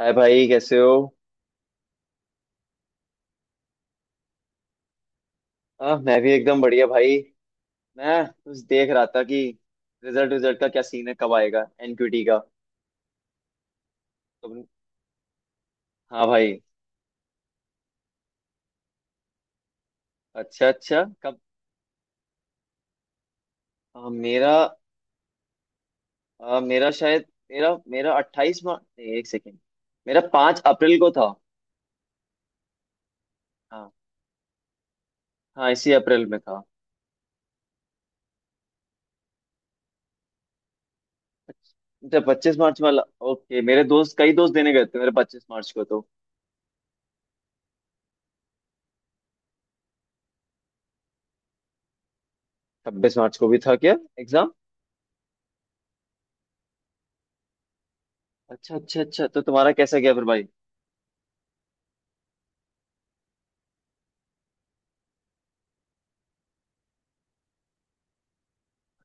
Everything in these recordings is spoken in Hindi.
हाय भाई, कैसे हो? मैं भी एकदम बढ़िया भाई। मैं बस देख रहा था कि रिजल्ट रिजल्ट का क्या सीन है, कब आएगा एनक्यूटी का? तुम। हाँ भाई। अच्छा अच्छा, कब? आ, मेरा मेरा शायद मेरा मेरा 28 मार्च, एक सेकेंड। मेरा 5 अप्रैल को था। हाँ, हाँ इसी अप्रैल में था। अच्छा, 25 मार्च वाला। ओके, मेरे दोस्त, कई दोस्त देने गए थे मेरे 25 मार्च को तो। 26 मार्च को भी था क्या एग्जाम? अच्छा अच्छा अच्छा, तो तुम्हारा कैसा गया फिर भाई?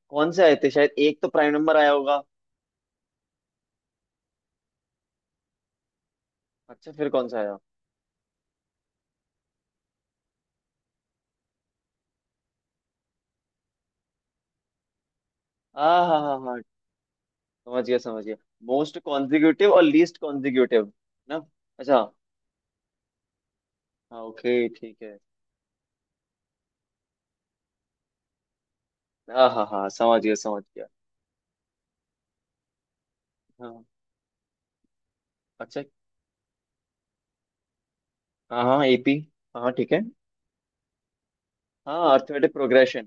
कौन से आए थे? शायद एक तो प्राइम नंबर आया होगा। अच्छा, फिर कौन सा आया? हाँ हाँ हाँ हाँ। समझ गया समझ गया। मोस्ट कॉन्जिक्यूटिव और लीस्ट कॉन्जिक्यूटिव। ना। अच्छा। हाँ, ओके, ठीक है। हाँ हाँ हाँ, समझ गया समझ गया। हाँ। अच्छा। हाँ हाँ एपी। हाँ हाँ, ठीक है। हाँ, अर्थमेटिक प्रोग्रेशन।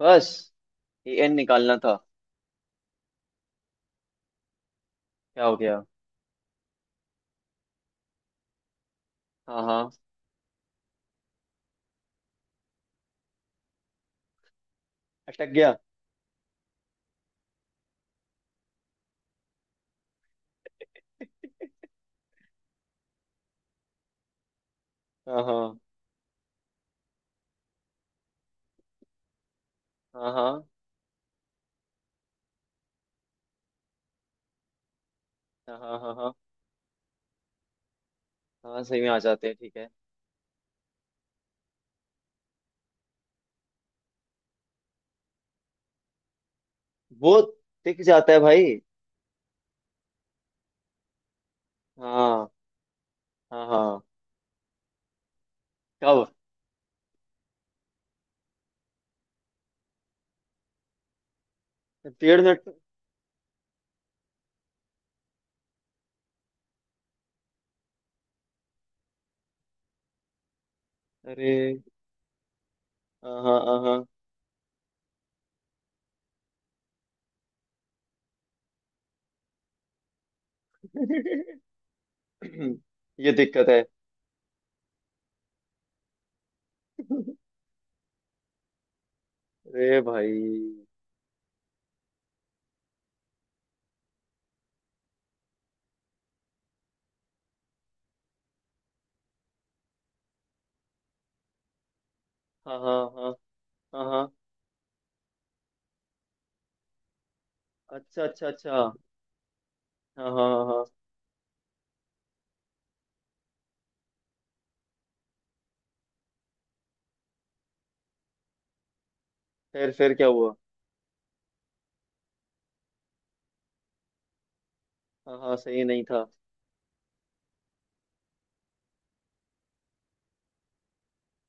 बस ए एन निकालना था। क्या हो गया? हाँ हाँ। अटक गया। हाँ हाँ। हाँ हाँ। हाँ हाँ हाँ हाँ। हाँ सही में आ जाते हैं, ठीक है। वो। टिक जाता है भाई। हाँ। हाँ हाँ। कब? डेढ़ मिनट। अरे। हाँ हाँ। हाँ। ये दिक्कत है। अरे भाई। हाँ हाँ हाँ हाँ। हाँ, अच्छा अच्छा अच्छा, हाँ। हाँ हाँ हाँ। फिर क्या हुआ? हाँ हाँ सही नहीं था।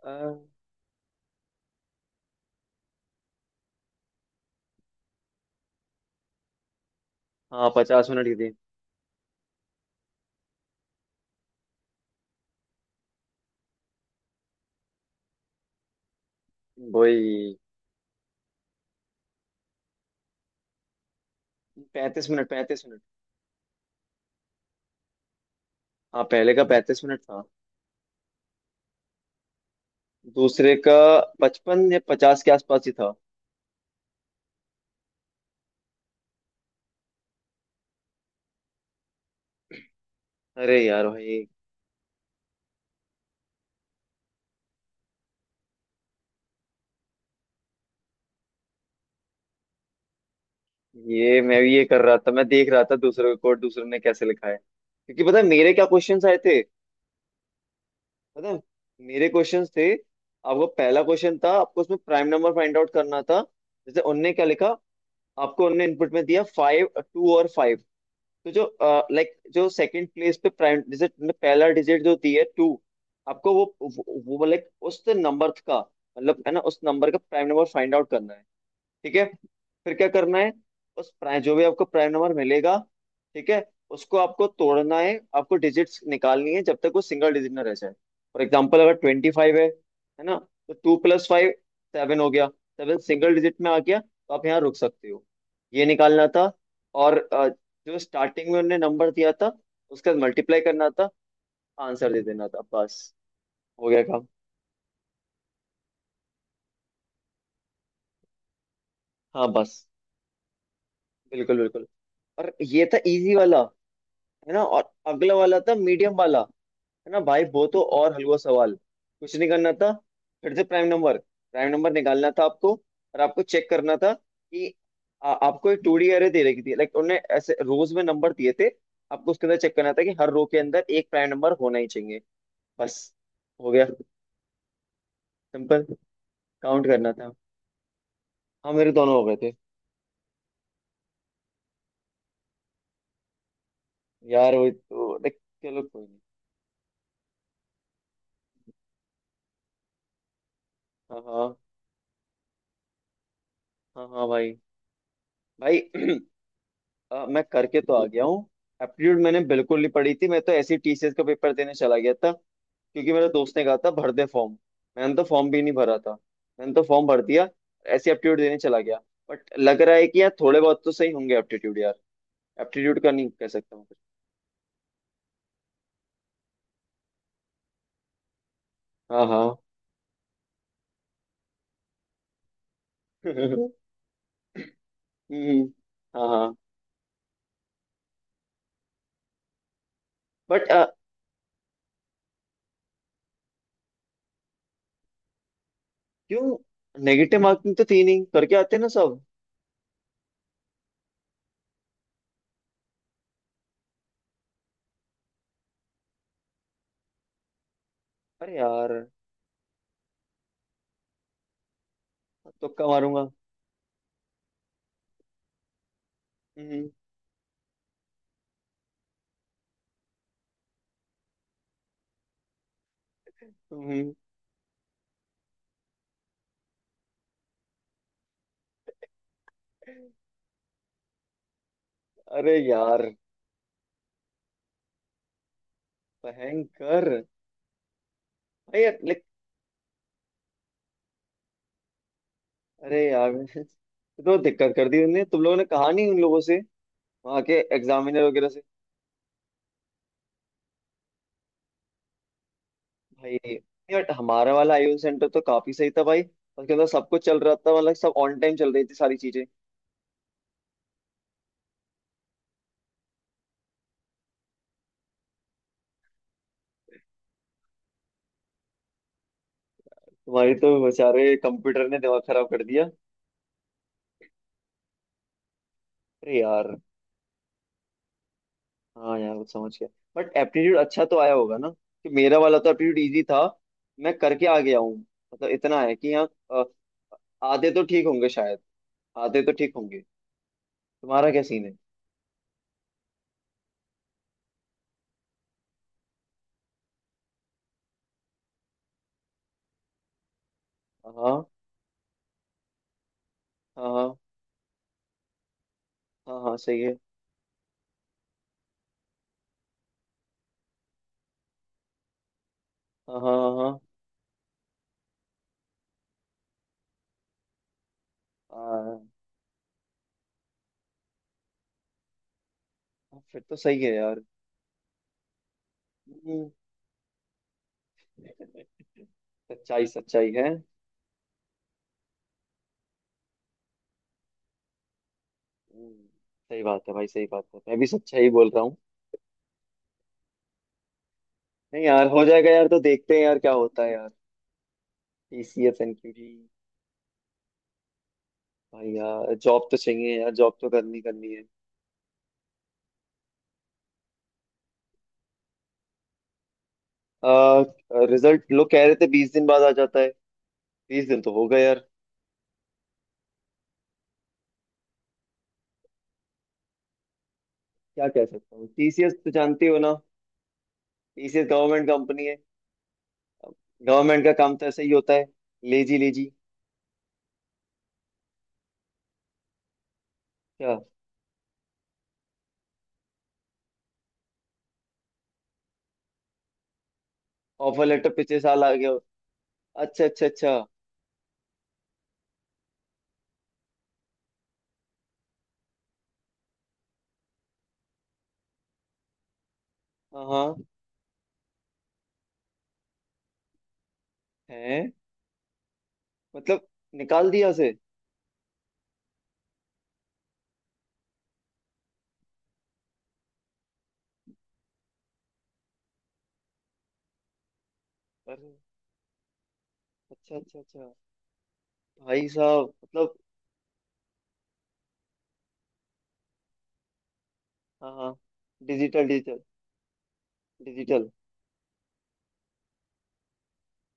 आ, हाँ, 50 मिनट की थी। वही। 35 मिनट 35 मिनट। हाँ, पहले का 35 मिनट था। दूसरे का। 55 या 50 के आसपास ही था। अरे यार भाई। ये मैं भी ये कर रहा था, मैं देख रहा था दूसरे का कोड, दूसरों ने कैसे लिखा है, क्योंकि पता है मेरे क्या क्वेश्चंस आए थे। पता है मेरे क्वेश्चंस थे, आपको पहला क्वेश्चन था, आपको उसमें प्राइम नंबर फाइंड आउट करना था। जैसे उनने क्या लिखा। आपको उनने इनपुट में दिया फाइव। टू और फाइव। तो जो, लाइक जो सेकंड प्लेस पे प्राइम, जैसे तुमने पहला डिजिट जो दी है टू। आपको वो लाइक उस नंबर का। मतलब, है ना, उस नंबर का प्राइम नंबर फाइंड आउट करना है। ठीक है। फिर क्या करना है? उस प्राइम, जो भी आपको प्राइम नंबर मिलेगा, ठीक है, उसको आपको तोड़ना है, आपको डिजिट्स निकालनी है जब तक वो सिंगल डिजिट ना रह जाए। फॉर एग्जाम्पल, अगर 25 है ना, तो टू प्लस फाइव, सेवन हो गया। सेवन सिंगल डिजिट में आ गया, तो आप यहाँ रुक सकते हो। ये निकालना था। और जो स्टार्टिंग में उन्होंने नंबर दिया था, उसका मल्टीप्लाई करना था। आंसर दे देना था बस। हो गया काम। हाँ बस। बिल्कुल बिल्कुल। और ये था इजी वाला, है ना, और अगला वाला था मीडियम वाला। है ना भाई, वो तो और हलवा सवाल। कुछ नहीं करना था। फिर से प्राइम नंबर निकालना था आपको। और आपको चेक करना था कि आपको एक 2D एरे दे रखी थी, लाइक उन्होंने ऐसे रोज में नंबर दिए थे। आपको उसके अंदर चेक करना था कि हर रो के अंदर एक प्राइम नंबर होना ही चाहिए। बस। हो गया। सिंपल। काउंट करना था। हाँ मेरे दोनों हो गए थे। यार वही तो देख। चलो कोई नहीं। हाँ हाँ। हाँ हाँ भाई। भाई मैं करके तो आ गया हूँ। एप्टीट्यूड मैंने बिल्कुल नहीं पढ़ी थी, मैं तो ऐसे ही टीसीएस का पेपर देने चला गया था। क्योंकि मेरे दोस्त ने कहा था भर दे फॉर्म। मैंने तो फॉर्म भी नहीं भरा था। मैंने तो फॉर्म भर दिया, ऐसे एप्टीट्यूड देने चला गया। बट लग रहा है कि यार थोड़े बहुत तो सही होंगे एप्टीट्यूड यार। एप्टीट्यूड का नहीं कह सकता मैं कुछ। हाँ हाँ। हम्म। हाँ हाँ। बट क्यों? नेगेटिव मार्किंग तो तीन ही करके आते हैं ना सब। अरे यार। तुक्का मारूंगा। हम्म। हम्म। अरे यार। भयंकर। अरे यार, like। अरे यार, तो दिक्कत कर दी उन्होंने, तुम लोगों ने कहा नहीं उन लोगों से, वहां के एग्जामिनर वगैरह? भाई नहीं। बट हमारा वाला आईओ सेंटर तो काफी सही था भाई, उसके अंदर सब कुछ चल रहा था, मतलब सब ऑन टाइम चल रही थी सारी चीजें। तुम्हारी तो बेचारे कंप्यूटर ने दिमाग खराब कर दिया। अरे यार। हाँ यार वो समझ गया। बट एप्टीट्यूड अच्छा तो आया होगा ना, कि मेरा वाला तो एप्टीट्यूड इजी था। मैं करके आ गया हूँ। मतलब इतना है कि हाँ, अ, आधे तो ठीक होंगे शायद। आधे तो ठीक होंगे। तुम्हारा क्या सीन है? हाँ हाँ। हाँ हाँ। हाँ सही है। हाँ हाँ। हाँ हाँ। हाँ, फिर तो सही है यार। हम्म। सच्चाई सच्चाई है। हम्म, सही बात है भाई, सही बात है, मैं भी सच्चाई ही बोल रहा हूँ। नहीं यार, हो जाएगा यार, तो देखते हैं यार क्या होता है यार। TCS NQT. भाई यार, जॉब तो चाहिए यार, जॉब तो करनी करनी है। आ, रिजल्ट लोग कह रहे थे 20 दिन बाद आ जाता है। 20 दिन तो हो गए यार। क्या कह सकता हूँ, टीसीएस तो जानते हो ना। टीसीएस गवर्नमेंट कंपनी है। गवर्नमेंट का काम तो ऐसा ही होता है। Lazy lazy. क्या? ऑफर लेटर पिछले साल आ गया हो। अच्छा अच्छा अच्छा। हाँ हाँ। है। मतलब, निकाल दिया उसे? अरे। अच्छा अच्छा अच्छा। भाई साहब, मतलब। हाँ हाँ। Digital digital. डिजिटल।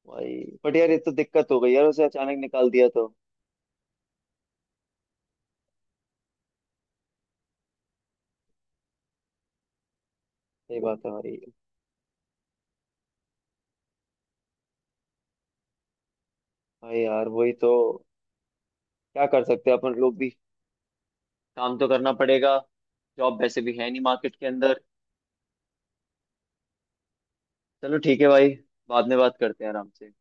भाई। बट यार, ये तो दिक्कत हो गई यार, उसे अचानक निकाल दिया तो। सही बात है भाई। भाई यार, वही तो। क्या कर सकते हैं अपन लोग भी। काम तो करना पड़ेगा। जॉब वैसे भी है नहीं मार्केट के अंदर। चलो ठीक है भाई। बाद में बात करते हैं आराम से।